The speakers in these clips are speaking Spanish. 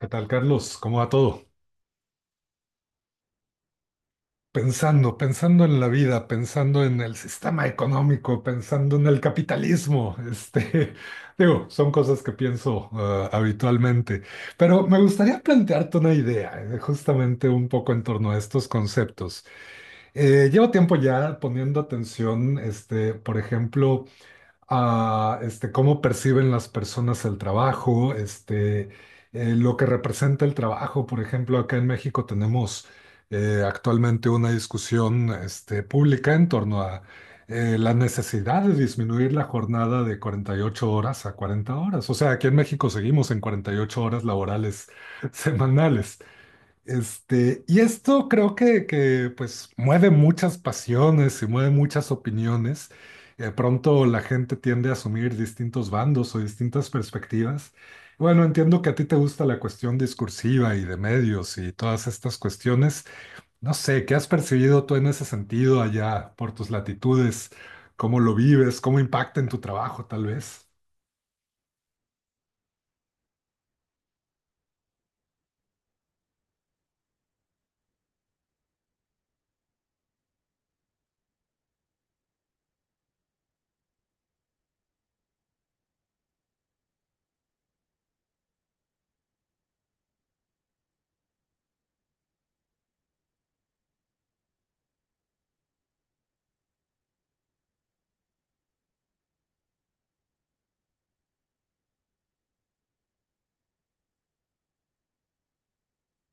¿Qué tal, Carlos? ¿Cómo va todo? Pensando, pensando en la vida, pensando en el sistema económico, pensando en el capitalismo. Digo, son cosas que pienso habitualmente, pero me gustaría plantearte una idea, justamente un poco en torno a estos conceptos. Llevo tiempo ya poniendo atención, por ejemplo, a cómo perciben las personas el trabajo, lo que representa el trabajo. Por ejemplo, acá en México tenemos actualmente una discusión pública en torno a la necesidad de disminuir la jornada de 48 horas a 40 horas. O sea, aquí en México seguimos en 48 horas laborales semanales. Y esto creo que pues mueve muchas pasiones y mueve muchas opiniones. De pronto la gente tiende a asumir distintos bandos o distintas perspectivas. Bueno, entiendo que a ti te gusta la cuestión discursiva y de medios y todas estas cuestiones. No sé, ¿qué has percibido tú en ese sentido allá por tus latitudes? ¿Cómo lo vives? ¿Cómo impacta en tu trabajo, tal vez?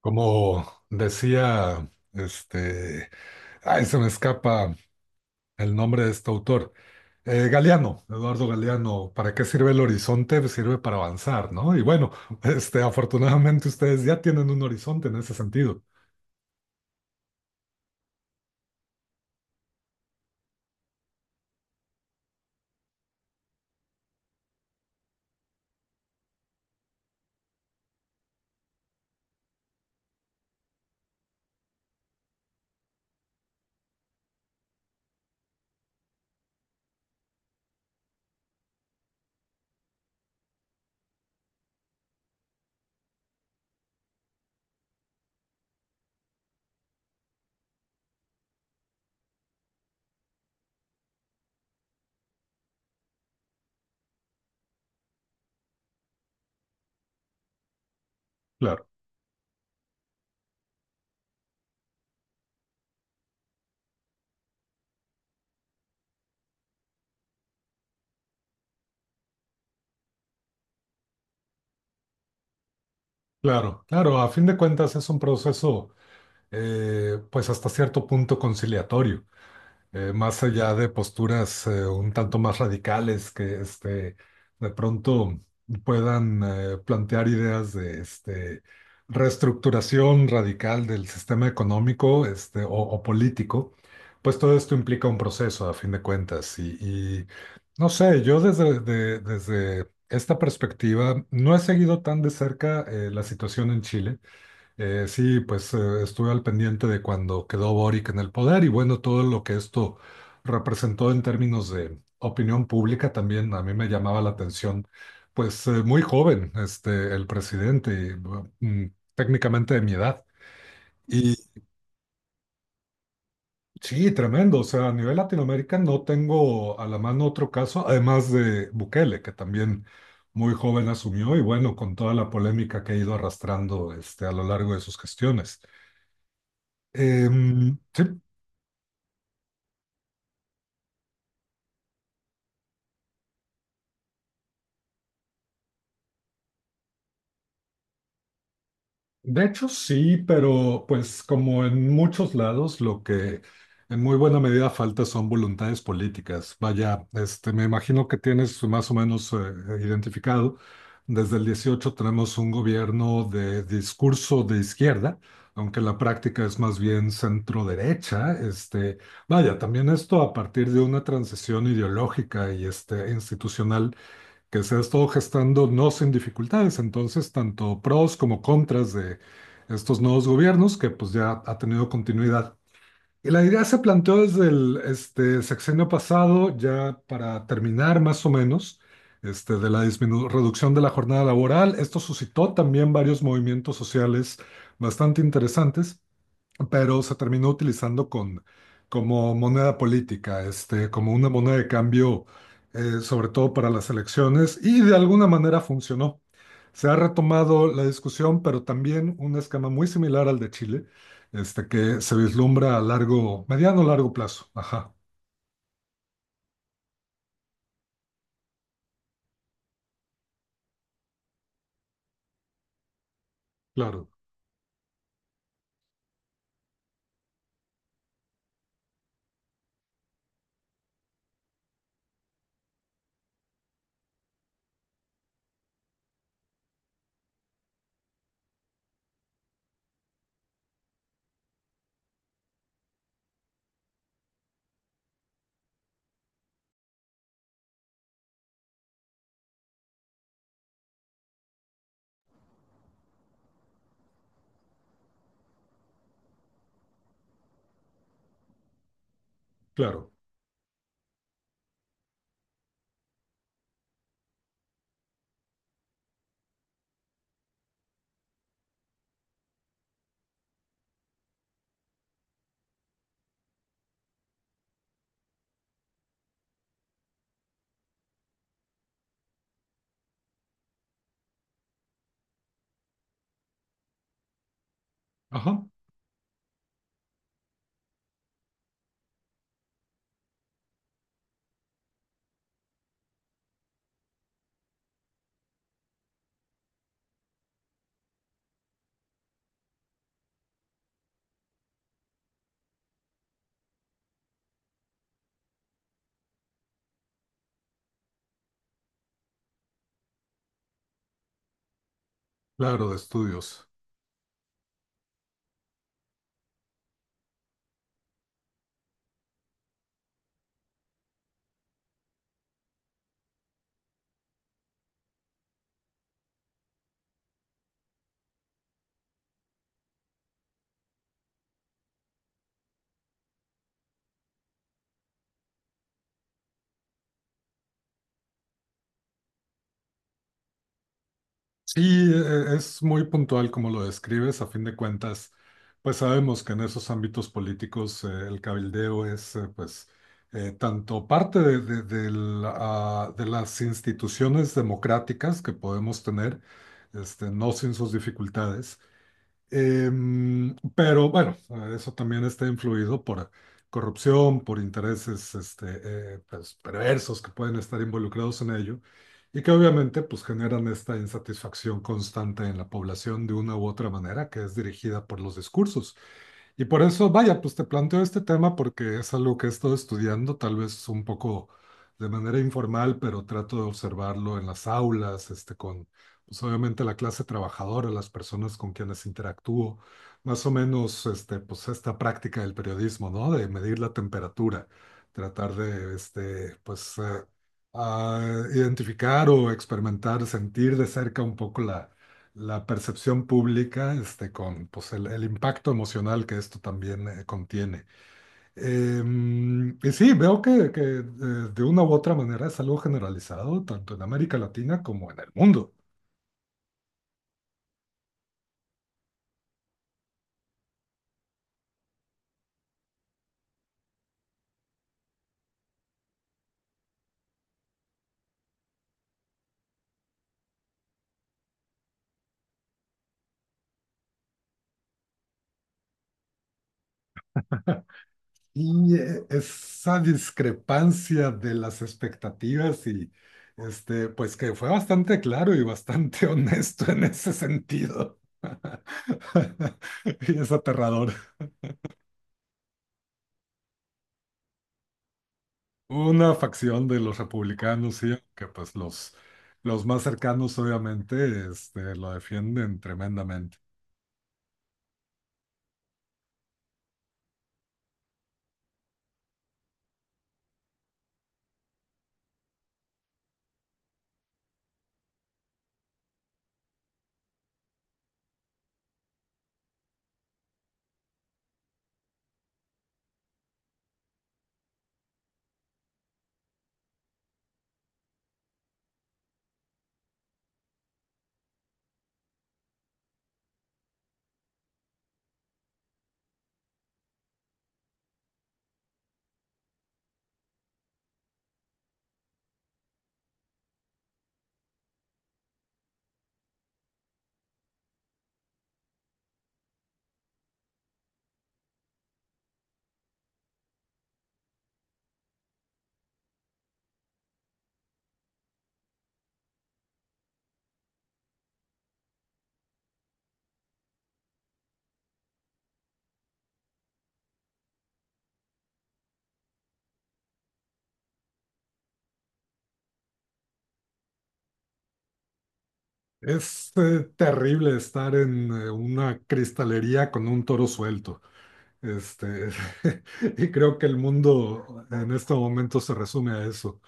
Como decía, ay, se me escapa el nombre de este autor. Galeano, Eduardo Galeano, ¿para qué sirve el horizonte? Pues sirve para avanzar, ¿no? Y bueno, afortunadamente ustedes ya tienen un horizonte en ese sentido. Claro, claro, claro. A fin de cuentas es un proceso, pues hasta cierto punto conciliatorio. Más allá de posturas un tanto más radicales que de pronto puedan plantear ideas de reestructuración radical del sistema económico o político, pues todo esto implica un proceso a fin de cuentas. Y no sé, yo desde esta perspectiva no he seguido tan de cerca la situación en Chile. Sí, pues estuve al pendiente de cuando quedó Boric en el poder y bueno, todo lo que esto representó en términos de opinión pública también a mí me llamaba la atención, pues muy joven, el presidente, y, bueno, técnicamente de mi edad. Y sí, tremendo, o sea, a nivel Latinoamérica no tengo a la mano otro caso, además de Bukele, que también muy joven asumió y bueno, con toda la polémica que ha ido arrastrando a lo largo de sus gestiones. Sí. De hecho, sí, pero pues como en muchos lados, lo que en muy buena medida falta son voluntades políticas. Vaya, me imagino que tienes más o menos identificado. Desde el 18 tenemos un gobierno de discurso de izquierda, aunque la práctica es más bien centro derecha. Vaya, también esto a partir de una transición ideológica y institucional que se ha estado gestando no sin dificultades. Entonces, tanto pros como contras de estos nuevos gobiernos, que pues ya ha tenido continuidad. Y la idea se planteó desde el sexenio pasado, ya para terminar más o menos, de la reducción de la jornada laboral. Esto suscitó también varios movimientos sociales bastante interesantes, pero se terminó utilizando como moneda política, como una moneda de cambio, sobre todo para las elecciones, y de alguna manera funcionó. Se ha retomado la discusión, pero también un esquema muy similar al de Chile, que se vislumbra a largo, mediano largo plazo. Ajá, claro, claro, ajá, claro, de estudios. Sí, es muy puntual como lo describes. A fin de cuentas, pues sabemos que en esos ámbitos políticos el cabildeo es pues tanto parte de las instituciones democráticas que podemos tener, no sin sus dificultades. Pero bueno, eso también está influido por corrupción, por intereses pues, perversos que pueden estar involucrados en ello, y que obviamente pues, generan esta insatisfacción constante en la población de una u otra manera que es dirigida por los discursos. Y por eso, vaya, pues te planteo este tema porque es algo que he estado estudiando, tal vez un poco de manera informal, pero trato de observarlo en las aulas, pues obviamente la clase trabajadora, las personas con quienes interactúo, más o menos, pues esta práctica del periodismo, ¿no? De medir la temperatura, tratar de, pues, identificar o experimentar, sentir de cerca un poco la percepción pública, con pues, el impacto emocional que esto también contiene. Y sí, veo que de una u otra manera es algo generalizado, tanto en América Latina como en el mundo. Y esa discrepancia de las expectativas y pues que fue bastante claro y bastante honesto en ese sentido. Y es aterrador. Una facción de los republicanos, sí, que pues los más cercanos obviamente lo defienden tremendamente. Es terrible estar en una cristalería con un toro suelto. Este, y creo que el mundo en este momento se resume a eso.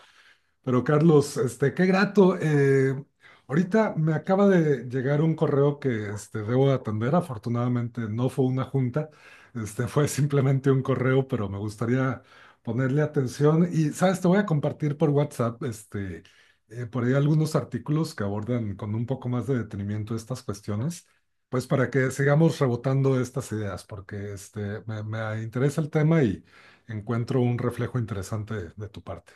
Pero Carlos, qué grato. Ahorita me acaba de llegar un correo que debo atender. Afortunadamente no fue una junta, fue simplemente un correo, pero me gustaría ponerle atención. Y, sabes, te voy a compartir por WhatsApp por ahí algunos artículos que abordan con un poco más de detenimiento estas cuestiones, pues para que sigamos rebotando estas ideas, porque me interesa el tema y encuentro un reflejo interesante de tu parte.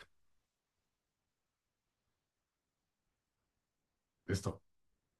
¿Listo?